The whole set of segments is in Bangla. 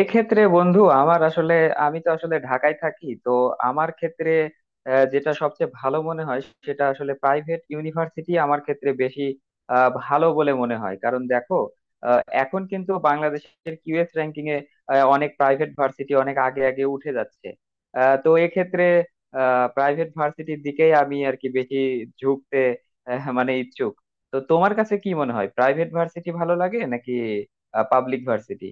এক্ষেত্রে বন্ধু আমার আসলে আমি তো আসলে ঢাকায় থাকি, তো আমার ক্ষেত্রে যেটা সবচেয়ে ভালো মনে হয় সেটা আসলে প্রাইভেট ইউনিভার্সিটি আমার ক্ষেত্রে বেশি ভালো বলে মনে হয়। কারণ দেখো, এখন কিন্তু বাংলাদেশের কিউএস র্যাঙ্কিং এ অনেক প্রাইভেট ভার্সিটি অনেক আগে আগে উঠে যাচ্ছে। তো এক্ষেত্রে প্রাইভেট ভার্সিটির দিকেই আমি আর কি বেশি ঝুঁকতে মানে ইচ্ছুক। তো তোমার কাছে কি মনে হয়, প্রাইভেট ভার্সিটি ভালো লাগে নাকি পাবলিক ভার্সিটি?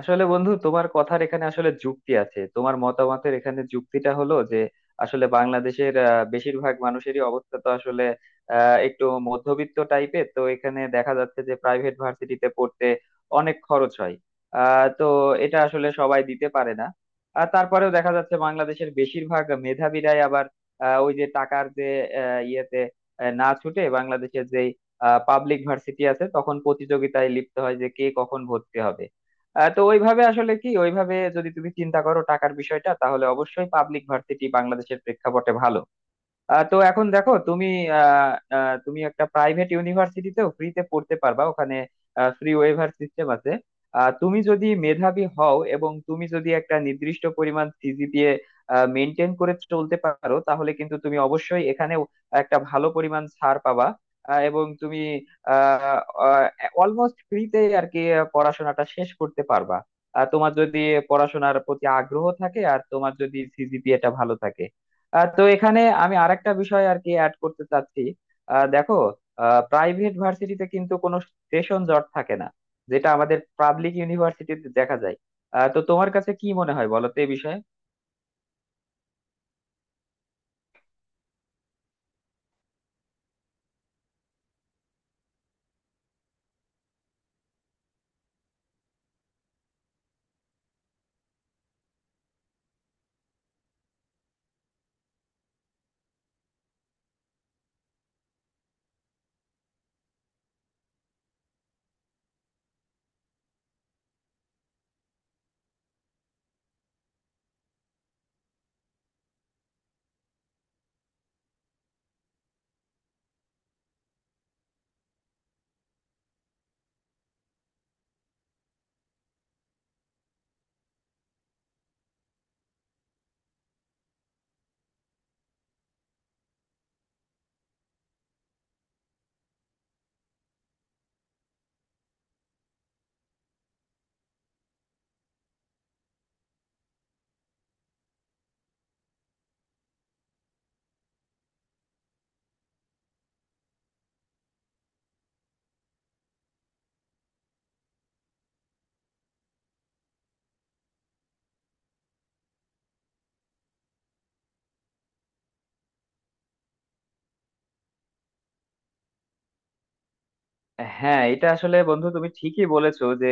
আসলে বন্ধু তোমার কথার এখানে আসলে যুক্তি আছে, তোমার মতামতের এখানে যুক্তিটা হলো যে আসলে বাংলাদেশের বেশিরভাগ মানুষেরই অবস্থা তো আসলে একটু মধ্যবিত্ত টাইপের। তো এখানে দেখা যাচ্ছে যে প্রাইভেট ভার্সিটিতে পড়তে অনেক খরচ হয়। আহ তো এটা আসলে সবাই দিতে পারে না। আর তারপরেও দেখা যাচ্ছে বাংলাদেশের বেশিরভাগ মেধাবীরাই আবার ওই যে টাকার যে ইয়েতে না ছুটে বাংলাদেশের যে পাবলিক ভার্সিটি আছে তখন প্রতিযোগিতায় লিপ্ত হয় যে কে কখন ভর্তি হবে। তো ওইভাবে আসলে কি, ওইভাবে যদি তুমি চিন্তা করো টাকার বিষয়টা, তাহলে অবশ্যই পাবলিক ভার্সিটি বাংলাদেশের প্রেক্ষাপটে ভালো। তো এখন দেখো তুমি, আহ, আহ, তুমি একটা প্রাইভেট ইউনিভার্সিটিতেও ফ্রিতে পড়তে পারবা। ওখানে ফ্রি ওয়েভার সিস্টেম আছে। তুমি যদি মেধাবী হও এবং তুমি যদি একটা নির্দিষ্ট পরিমাণ সিজিপিএ মেনটেন করে চলতে পারো, তাহলে কিন্তু তুমি অবশ্যই এখানেও একটা ভালো পরিমাণ ছাড় পাবা। এবং তুমি অলমোস্ট ফ্রিতে আর কি পড়াশোনাটা শেষ করতে পারবা, আর তোমার যদি পড়াশোনার প্রতি আগ্রহ থাকে আর তোমার যদি সিজিপিএটা ভালো থাকে। তো এখানে আমি আরেকটা বিষয় আর কি অ্যাড করতে চাচ্ছি। দেখো, প্রাইভেট ভার্সিটিতে কিন্তু কোনো সেশন জট থাকে না, যেটা আমাদের পাবলিক ইউনিভার্সিটিতে দেখা যায়। তো তোমার কাছে কি মনে হয় বলো তো এই বিষয়ে? হ্যাঁ, এটা আসলে বন্ধু তুমি ঠিকই বলেছো যে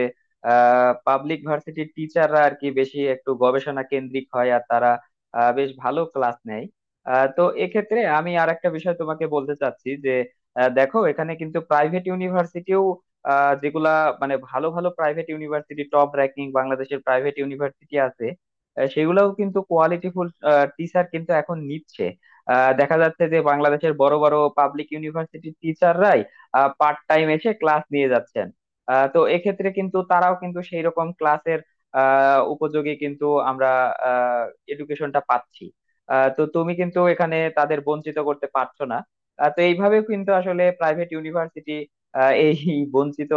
পাবলিক ভার্সিটির টিচাররা আর কি বেশি একটু গবেষণা কেন্দ্রিক হয় আর তারা বেশ ভালো ক্লাস নেয়। তো এক্ষেত্রে আমি আর একটা বিষয় তোমাকে বলতে চাচ্ছি যে দেখো, এখানে কিন্তু প্রাইভেট ইউনিভার্সিটিও যেগুলা মানে ভালো ভালো প্রাইভেট ইউনিভার্সিটি, টপ র্যাঙ্কিং বাংলাদেশের প্রাইভেট ইউনিভার্সিটি আছে, সেগুলাও কিন্তু কোয়ালিটিফুল টিচার কিন্তু এখন নিচ্ছে। দেখা যাচ্ছে যে বাংলাদেশের বড় বড় পাবলিক ইউনিভার্সিটির টিচাররাই পার্ট টাইম এসে ক্লাস নিয়ে যাচ্ছেন। তো এক্ষেত্রে কিন্তু তারাও কিন্তু সেই রকম ক্লাসের উপযোগী কিন্তু আমরা এডুকেশনটা পাচ্ছি। তো তুমি কিন্তু এখানে তাদের বঞ্চিত করতে পারছো না। তো এইভাবেও কিন্তু আসলে প্রাইভেট ইউনিভার্সিটি এই বঞ্চিত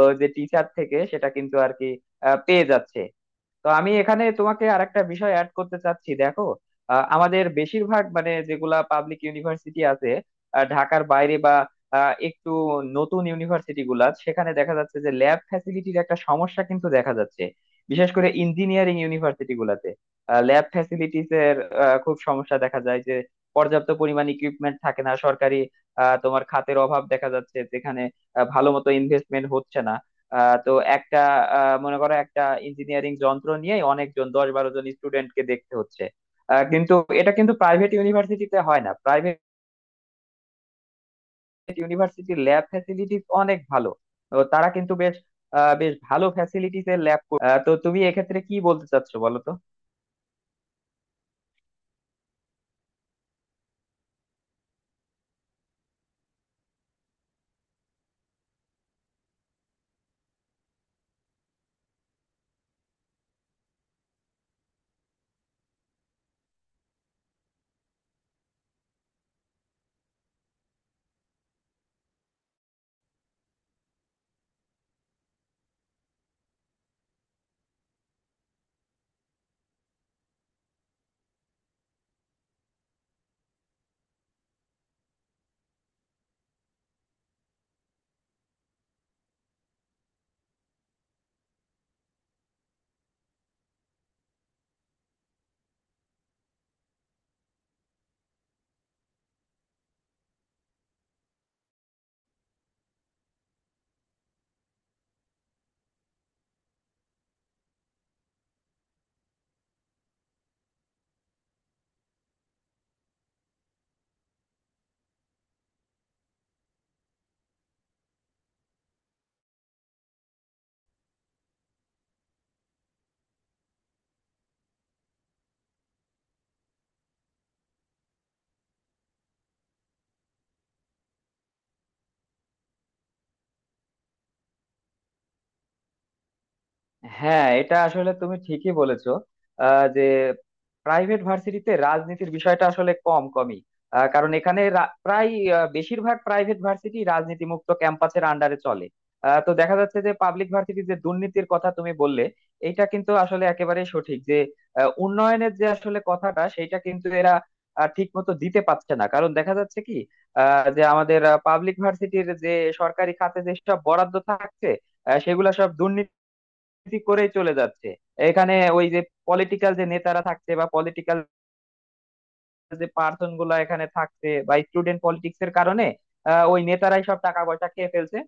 ও যে টিচার থেকে সেটা কিন্তু আর কি পেয়ে যাচ্ছে। তো আমি এখানে তোমাকে আরেকটা বিষয় অ্যাড করতে চাচ্ছি দেখো, আমাদের বেশিরভাগ মানে যেগুলা পাবলিক ইউনিভার্সিটি আছে ঢাকার বাইরে বা একটু নতুন ইউনিভার্সিটি গুলা, সেখানে দেখা যাচ্ছে যে ল্যাব ফ্যাসিলিটির একটা সমস্যা কিন্তু দেখা যাচ্ছে, বিশেষ করে ইঞ্জিনিয়ারিং ইউনিভার্সিটি গুলাতে ল্যাব ফ্যাসিলিটিস এর খুব সমস্যা দেখা যায় যে পর্যাপ্ত পরিমাণ ইকুইপমেন্ট থাকে না। সরকারি তোমার খাতের অভাব দেখা যাচ্ছে, যেখানে ভালো মতো ইনভেস্টমেন্ট হচ্ছে না। আহ তো একটা মনে করো একটা ইঞ্জিনিয়ারিং যন্ত্র নিয়ে অনেকজন দশ বারো জন স্টুডেন্টকে দেখতে হচ্ছে। কিন্তু এটা কিন্তু প্রাইভেট ইউনিভার্সিটিতে হয় না। প্রাইভেট ইউনিভার্সিটির ল্যাব ফ্যাসিলিটিস অনেক ভালো, তো তারা কিন্তু বেশ বেশ ভালো ফ্যাসিলিটিস এর ল্যাব। তো তুমি এক্ষেত্রে কি বলতে চাচ্ছো বলো তো? হ্যাঁ, এটা আসলে তুমি ঠিকই বলেছো। যে প্রাইভেট ভার্সিটিতে রাজনীতির বিষয়টা আসলে কম কমই। কারণ এখানে প্রায় বেশিরভাগ প্রাইভেট ভার্সিটি রাজনীতি মুক্ত ক্যাম্পাসের আন্ডারে চলে। তো দেখা যাচ্ছে যে পাবলিক ভার্সিটির যে দুর্নীতির কথা তুমি বললে, এটা কিন্তু আসলে একেবারে সঠিক। যে উন্নয়নের যে আসলে কথাটা, সেটা কিন্তু এরা ঠিক মতো দিতে পারছে না, কারণ দেখা যাচ্ছে কি যে আমাদের পাবলিক ভার্সিটির যে সরকারি খাতে যেসব বরাদ্দ থাকছে, সেগুলা সব দুর্নীতি রাজনীতি করেই চলে যাচ্ছে। এখানে ওই যে পলিটিক্যাল যে নেতারা থাকছে বা পলিটিক্যাল যে পার্সন গুলা এখানে থাকছে বা স্টুডেন্ট পলিটিক্স এর কারণে ওই নেতারাই সব টাকা পয়সা খেয়ে ফেলছে।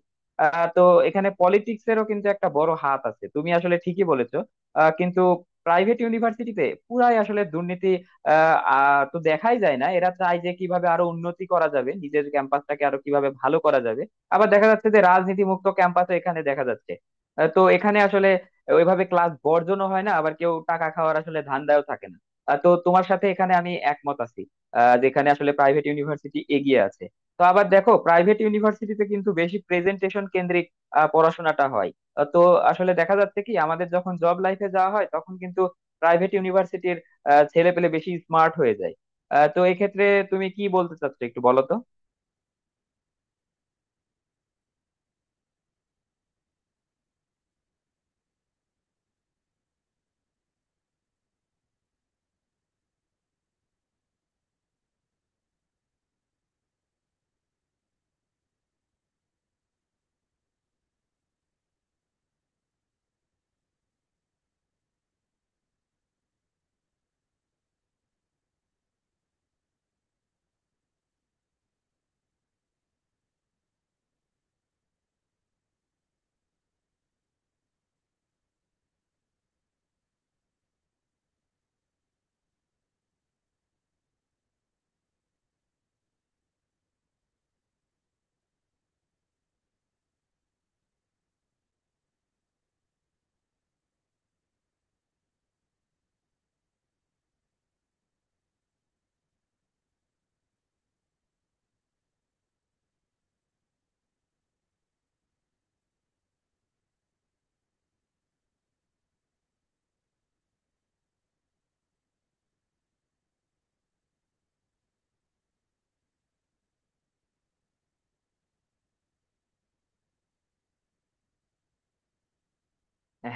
তো এখানে পলিটিক্স এরও কিন্তু একটা বড় হাত আছে, তুমি আসলে ঠিকই বলেছো। কিন্তু প্রাইভেট ইউনিভার্সিটিতে পুরাই আসলে দুর্নীতি আহ আহ, তো দেখাই যায় না। এরা চায় যে কিভাবে আরো উন্নতি করা যাবে, নিজের ক্যাম্পাসটাকে আরো কিভাবে ভালো করা যাবে। আবার দেখা যাচ্ছে যে রাজনীতি মুক্ত ক্যাম্পাসও এখানে দেখা যাচ্ছে। তো এখানে আসলে ওইভাবে ক্লাস বর্জনও হয় না, আবার কেউ টাকা খাওয়ার আসলে ধান্দাও থাকে না। তো তোমার সাথে এখানে আমি একমত আছি যেখানে আসলে প্রাইভেট ইউনিভার্সিটি এগিয়ে আছে। তো আবার দেখো, প্রাইভেট ইউনিভার্সিটিতে কিন্তু বেশি প্রেজেন্টেশন কেন্দ্রিক পড়াশোনাটা হয়। তো আসলে দেখা যাচ্ছে কি আমাদের যখন জব লাইফে যাওয়া হয় তখন কিন্তু প্রাইভেট ইউনিভার্সিটির ছেলে পেলে বেশি স্মার্ট হয়ে যায়। তো এক্ষেত্রে তুমি কি বলতে চাচ্ছো একটু বলো তো?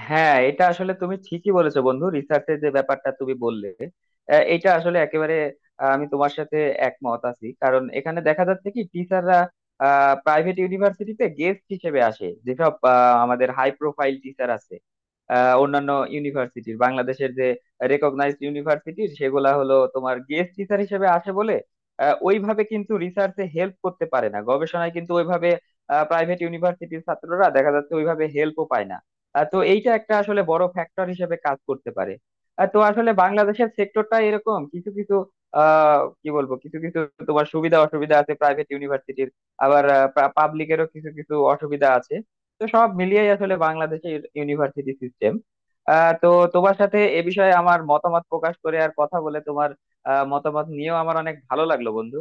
হ্যাঁ, এটা আসলে তুমি ঠিকই বলেছো বন্ধু, রিসার্চের যে ব্যাপারটা তুমি বললে এটা আসলে একেবারে আমি তোমার সাথে একমত আছি। কারণ এখানে দেখা যাচ্ছে কি টিচাররা প্রাইভেট ইউনিভার্সিটিতে গেস্ট হিসেবে আসে, যেসব আমাদের হাই প্রোফাইল টিচার আছে অন্যান্য ইউনিভার্সিটির, বাংলাদেশের যে রেকগনাইজড ইউনিভার্সিটির, সেগুলা হলো তোমার গেস্ট টিচার হিসেবে আসে বলে ওইভাবে কিন্তু রিসার্চে হেল্প করতে পারে না, গবেষণায় কিন্তু ওইভাবে প্রাইভেট ইউনিভার্সিটির ছাত্ররা দেখা যাচ্ছে ওইভাবে হেল্পও পায় না। আহ তো এইটা একটা আসলে বড় ফ্যাক্টর হিসেবে কাজ করতে পারে। আহ তো আসলে বাংলাদেশের সেক্টরটা এরকম কিছু কিছু কি বলবো, কিছু কিছু তোমার সুবিধা অসুবিধা আছে প্রাইভেট ইউনিভার্সিটির, আবার পাবলিকেরও কিছু কিছু অসুবিধা আছে। তো সব মিলিয়েই আসলে বাংলাদেশের ইউনিভার্সিটি সিস্টেম। আহ তো তোমার সাথে এ বিষয়ে আমার মতামত প্রকাশ করে আর কথা বলে তোমার মতামত নিয়েও আমার অনেক ভালো লাগলো বন্ধু।